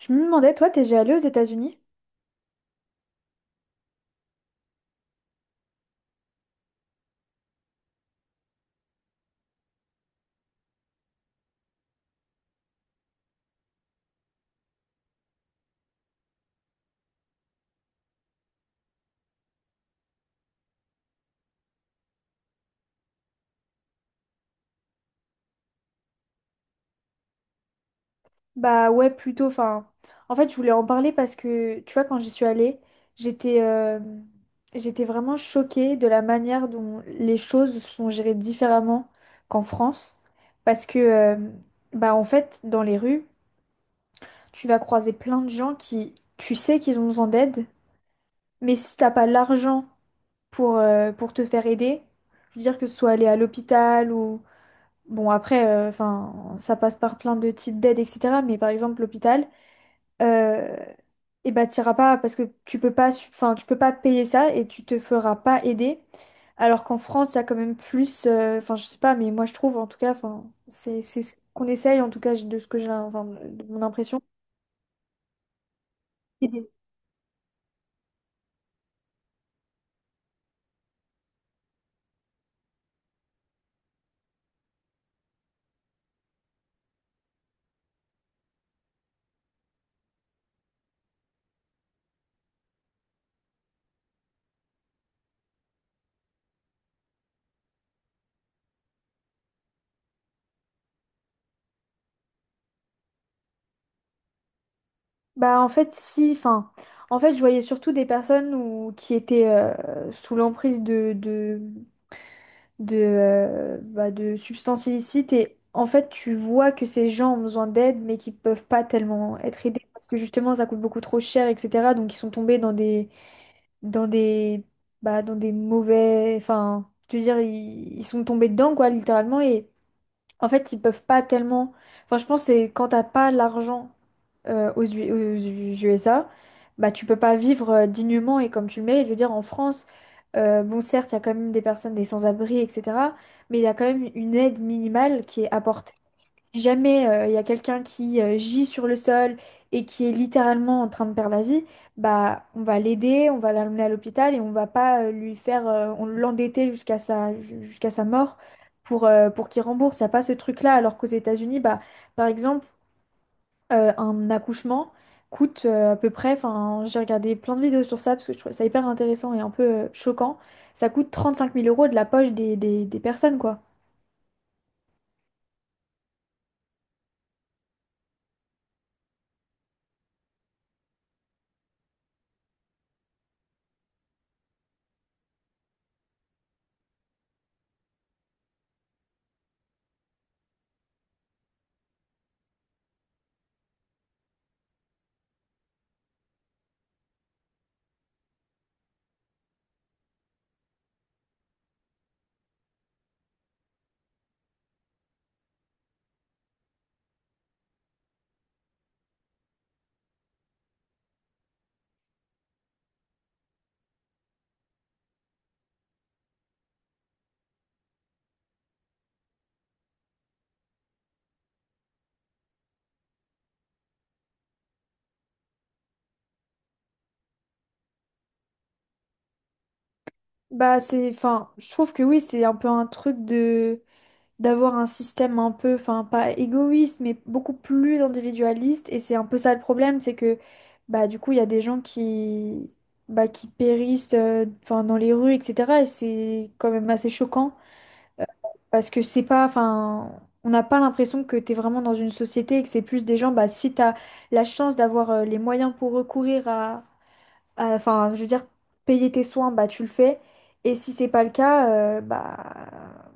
Je me demandais, toi, t'es déjà allée aux États-Unis? Bah ouais, plutôt. Enfin, je voulais en parler parce que, tu vois, quand j'y suis allée, j'étais euh, j'étais vraiment choquée de la manière dont les choses sont gérées différemment qu'en France. Parce que, bah en fait, dans les rues, tu vas croiser plein de gens qui, tu sais qu'ils ont besoin d'aide, mais si t'as pas l'argent pour te faire aider. Je veux dire que ce soit aller à l'hôpital ou bon, après, enfin, ça passe par plein de types d'aides, etc. Mais par exemple, l'hôpital, euh, eh ben, t'iras pas parce que tu peux pas, enfin, tu peux pas payer ça et tu te feras pas aider. Alors qu'en France, ça a quand même plus, enfin, je sais pas, mais moi je trouve, en tout cas, enfin, c'est ce qu'on essaye, en tout cas, de ce que j'ai, enfin, de mon impression. Et des- Bah, en fait, si, enfin, en fait, je voyais surtout des qui étaient sous l'emprise de substances illicites et en fait tu vois que ces gens ont besoin d'aide mais qui peuvent pas tellement être aidés parce que justement ça coûte beaucoup trop cher etc. Donc ils sont tombés dans dans des des mauvais, enfin je veux dire ils sont tombés dedans quoi littéralement et en fait ils peuvent pas tellement, enfin je pense que c'est quand t'as pas l'argent aux USA, bah tu peux pas vivre dignement et comme tu le mérites. Je veux dire, en France, bon certes, il y a quand même des personnes, des sans-abri, etc. Mais il y a quand même une aide minimale qui est apportée. Si jamais il y a quelqu'un qui gît sur le sol et qui est littéralement en train de perdre la vie, bah on va l'aider, on va l'amener à l'hôpital et on va pas lui faire, on l'endetter jusqu'à sa mort. Pour qu'il rembourse, il n'y a pas ce truc-là, alors qu'aux États-Unis, bah, par exemple, un accouchement coûte à peu près, enfin j'ai regardé plein de vidéos sur ça parce que je trouvais ça hyper intéressant et un peu choquant, ça coûte 35 000 euros de la poche des personnes quoi. Bah c'est, enfin je trouve que oui c'est un peu un truc de d'avoir un système un peu, enfin pas égoïste mais beaucoup plus individualiste et c'est un peu ça le problème, c'est que bah du coup il y a des gens qui... Bah, qui périssent enfin, dans les rues, etc. Et c'est quand même assez choquant, parce que c'est pas, enfin, on n'a pas l'impression que tu es vraiment dans une société et que c'est plus des gens, bah, si tu as la chance d'avoir les moyens pour recourir à, enfin, je veux dire, payer tes soins, bah tu le fais. Et si c'est pas le cas, euh, bah,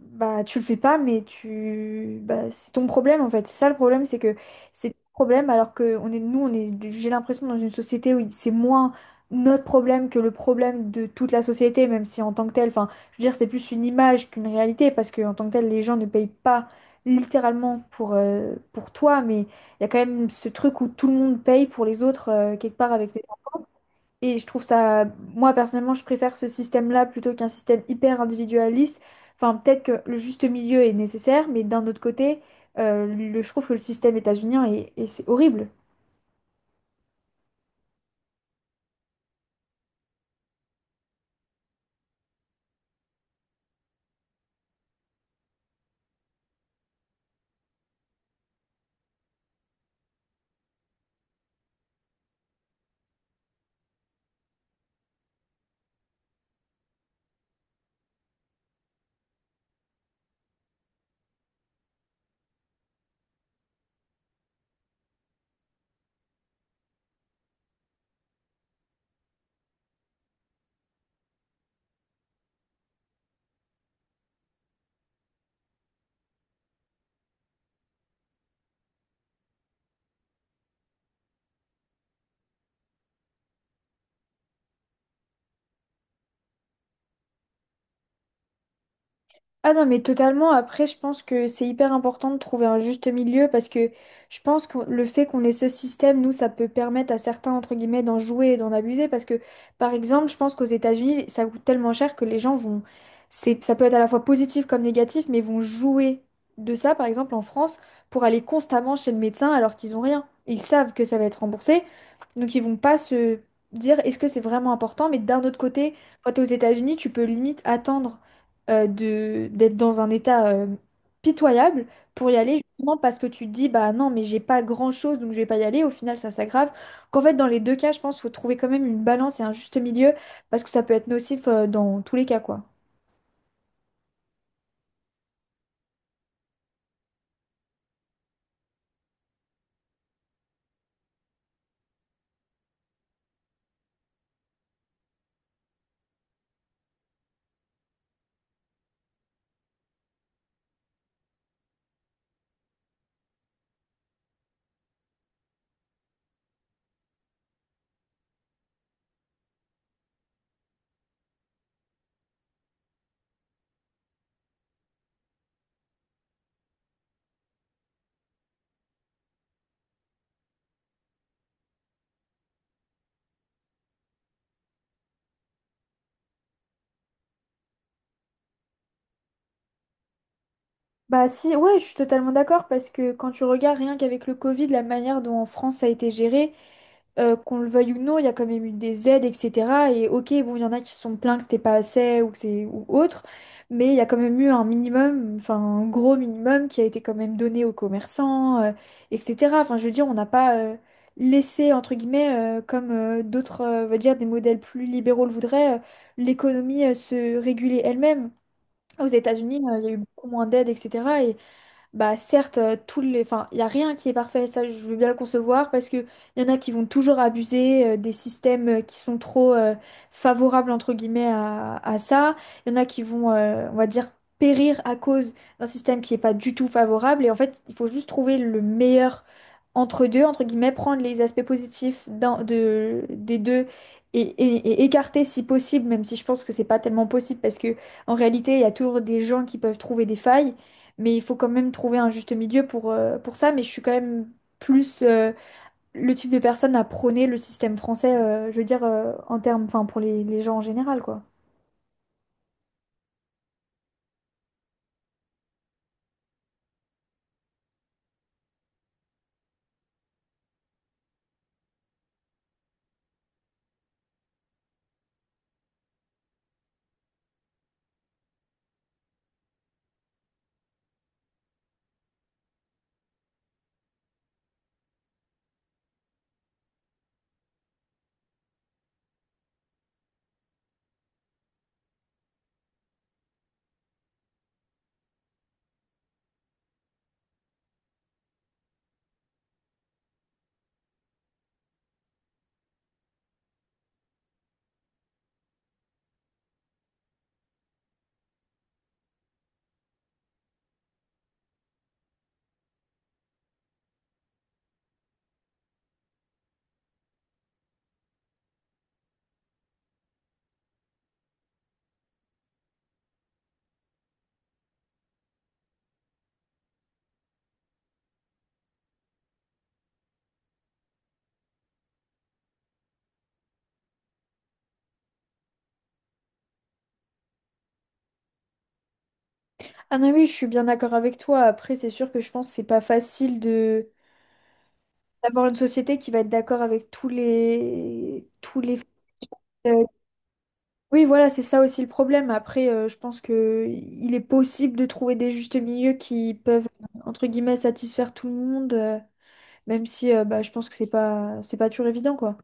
bah tu le fais pas, mais tu, bah, c'est ton problème en fait. C'est ça le problème, c'est que c'est ton problème alors que on est, nous, on est, j'ai l'impression dans une société où c'est moins notre problème que le problème de toute la société, même si en tant que tel, enfin, je veux dire, c'est plus une image qu'une réalité parce que en tant que tel, les gens ne payent pas littéralement pour toi, mais il y a quand même ce truc où tout le monde paye pour les autres quelque part avec les impôts. Et je trouve ça, moi personnellement, je préfère ce système-là plutôt qu'un système hyper individualiste. Enfin, peut-être que le juste milieu est nécessaire, mais d'un autre côté, je trouve que le système états-unien est, et c'est horrible. Ah non, mais totalement. Après, je pense que c'est hyper important de trouver un juste milieu parce que je pense que le fait qu'on ait ce système, nous, ça peut permettre à certains, entre guillemets, d'en jouer et d'en abuser parce que, par exemple, je pense qu'aux États-Unis, ça coûte tellement cher que les gens vont... Ça peut être à la fois positif comme négatif, mais vont jouer de ça, par exemple, en France, pour aller constamment chez le médecin alors qu'ils ont rien. Ils savent que ça va être remboursé, donc ils vont pas se dire est-ce que c'est vraiment important, mais d'un autre côté, quand t'es aux États-Unis, tu peux limite attendre de d'être dans un état pitoyable pour y aller justement parce que tu te dis bah non mais j'ai pas grand-chose donc je vais pas y aller, au final ça s'aggrave, qu'en fait dans les deux cas je pense faut trouver quand même une balance et un juste milieu parce que ça peut être nocif dans tous les cas quoi. Bah si ouais je suis totalement d'accord parce que quand tu regardes rien qu'avec le Covid la manière dont en France ça a été géré, qu'on le veuille ou non, il y a quand même eu des aides, etc. Et ok, bon, il y en a qui se sont plaints que c'était pas assez ou que c'est ou autre, mais il y a quand même eu un minimum, enfin un gros minimum qui a été quand même donné aux commerçants, etc. Enfin, je veux dire, on n'a pas laissé entre guillemets, comme d'autres, on va dire des modèles plus libéraux le voudraient, l'économie se réguler elle-même. Aux États-Unis, il y a eu beaucoup moins d'aides, etc. Bah certes, tous les, enfin, il y a rien qui est parfait, ça je veux bien le concevoir parce que il y en a qui vont toujours abuser des systèmes qui sont trop favorables entre guillemets à ça. Il y en a qui vont, on va dire, périr à cause d'un système qui est pas du tout favorable. Et en fait, il faut juste trouver le meilleur entre deux, entre guillemets, prendre les aspects positifs d'un, de, des deux et écarter si possible, même si je pense que c'est pas tellement possible parce que en réalité, il y a toujours des gens qui peuvent trouver des failles. Mais il faut quand même trouver un juste milieu pour ça. Mais je suis quand même plus le type de personne à prôner le système français, je veux dire, en termes, enfin, pour les gens en général, quoi. Ah non, oui, je suis bien d'accord avec toi. Après, c'est sûr que je pense que c'est pas facile de d'avoir une société qui va être d'accord avec tous les euh, oui, voilà, c'est ça aussi le problème. Après, je pense que il est possible de trouver des justes milieux qui peuvent, entre guillemets, satisfaire tout le monde, même si bah, je pense que c'est pas toujours évident, quoi.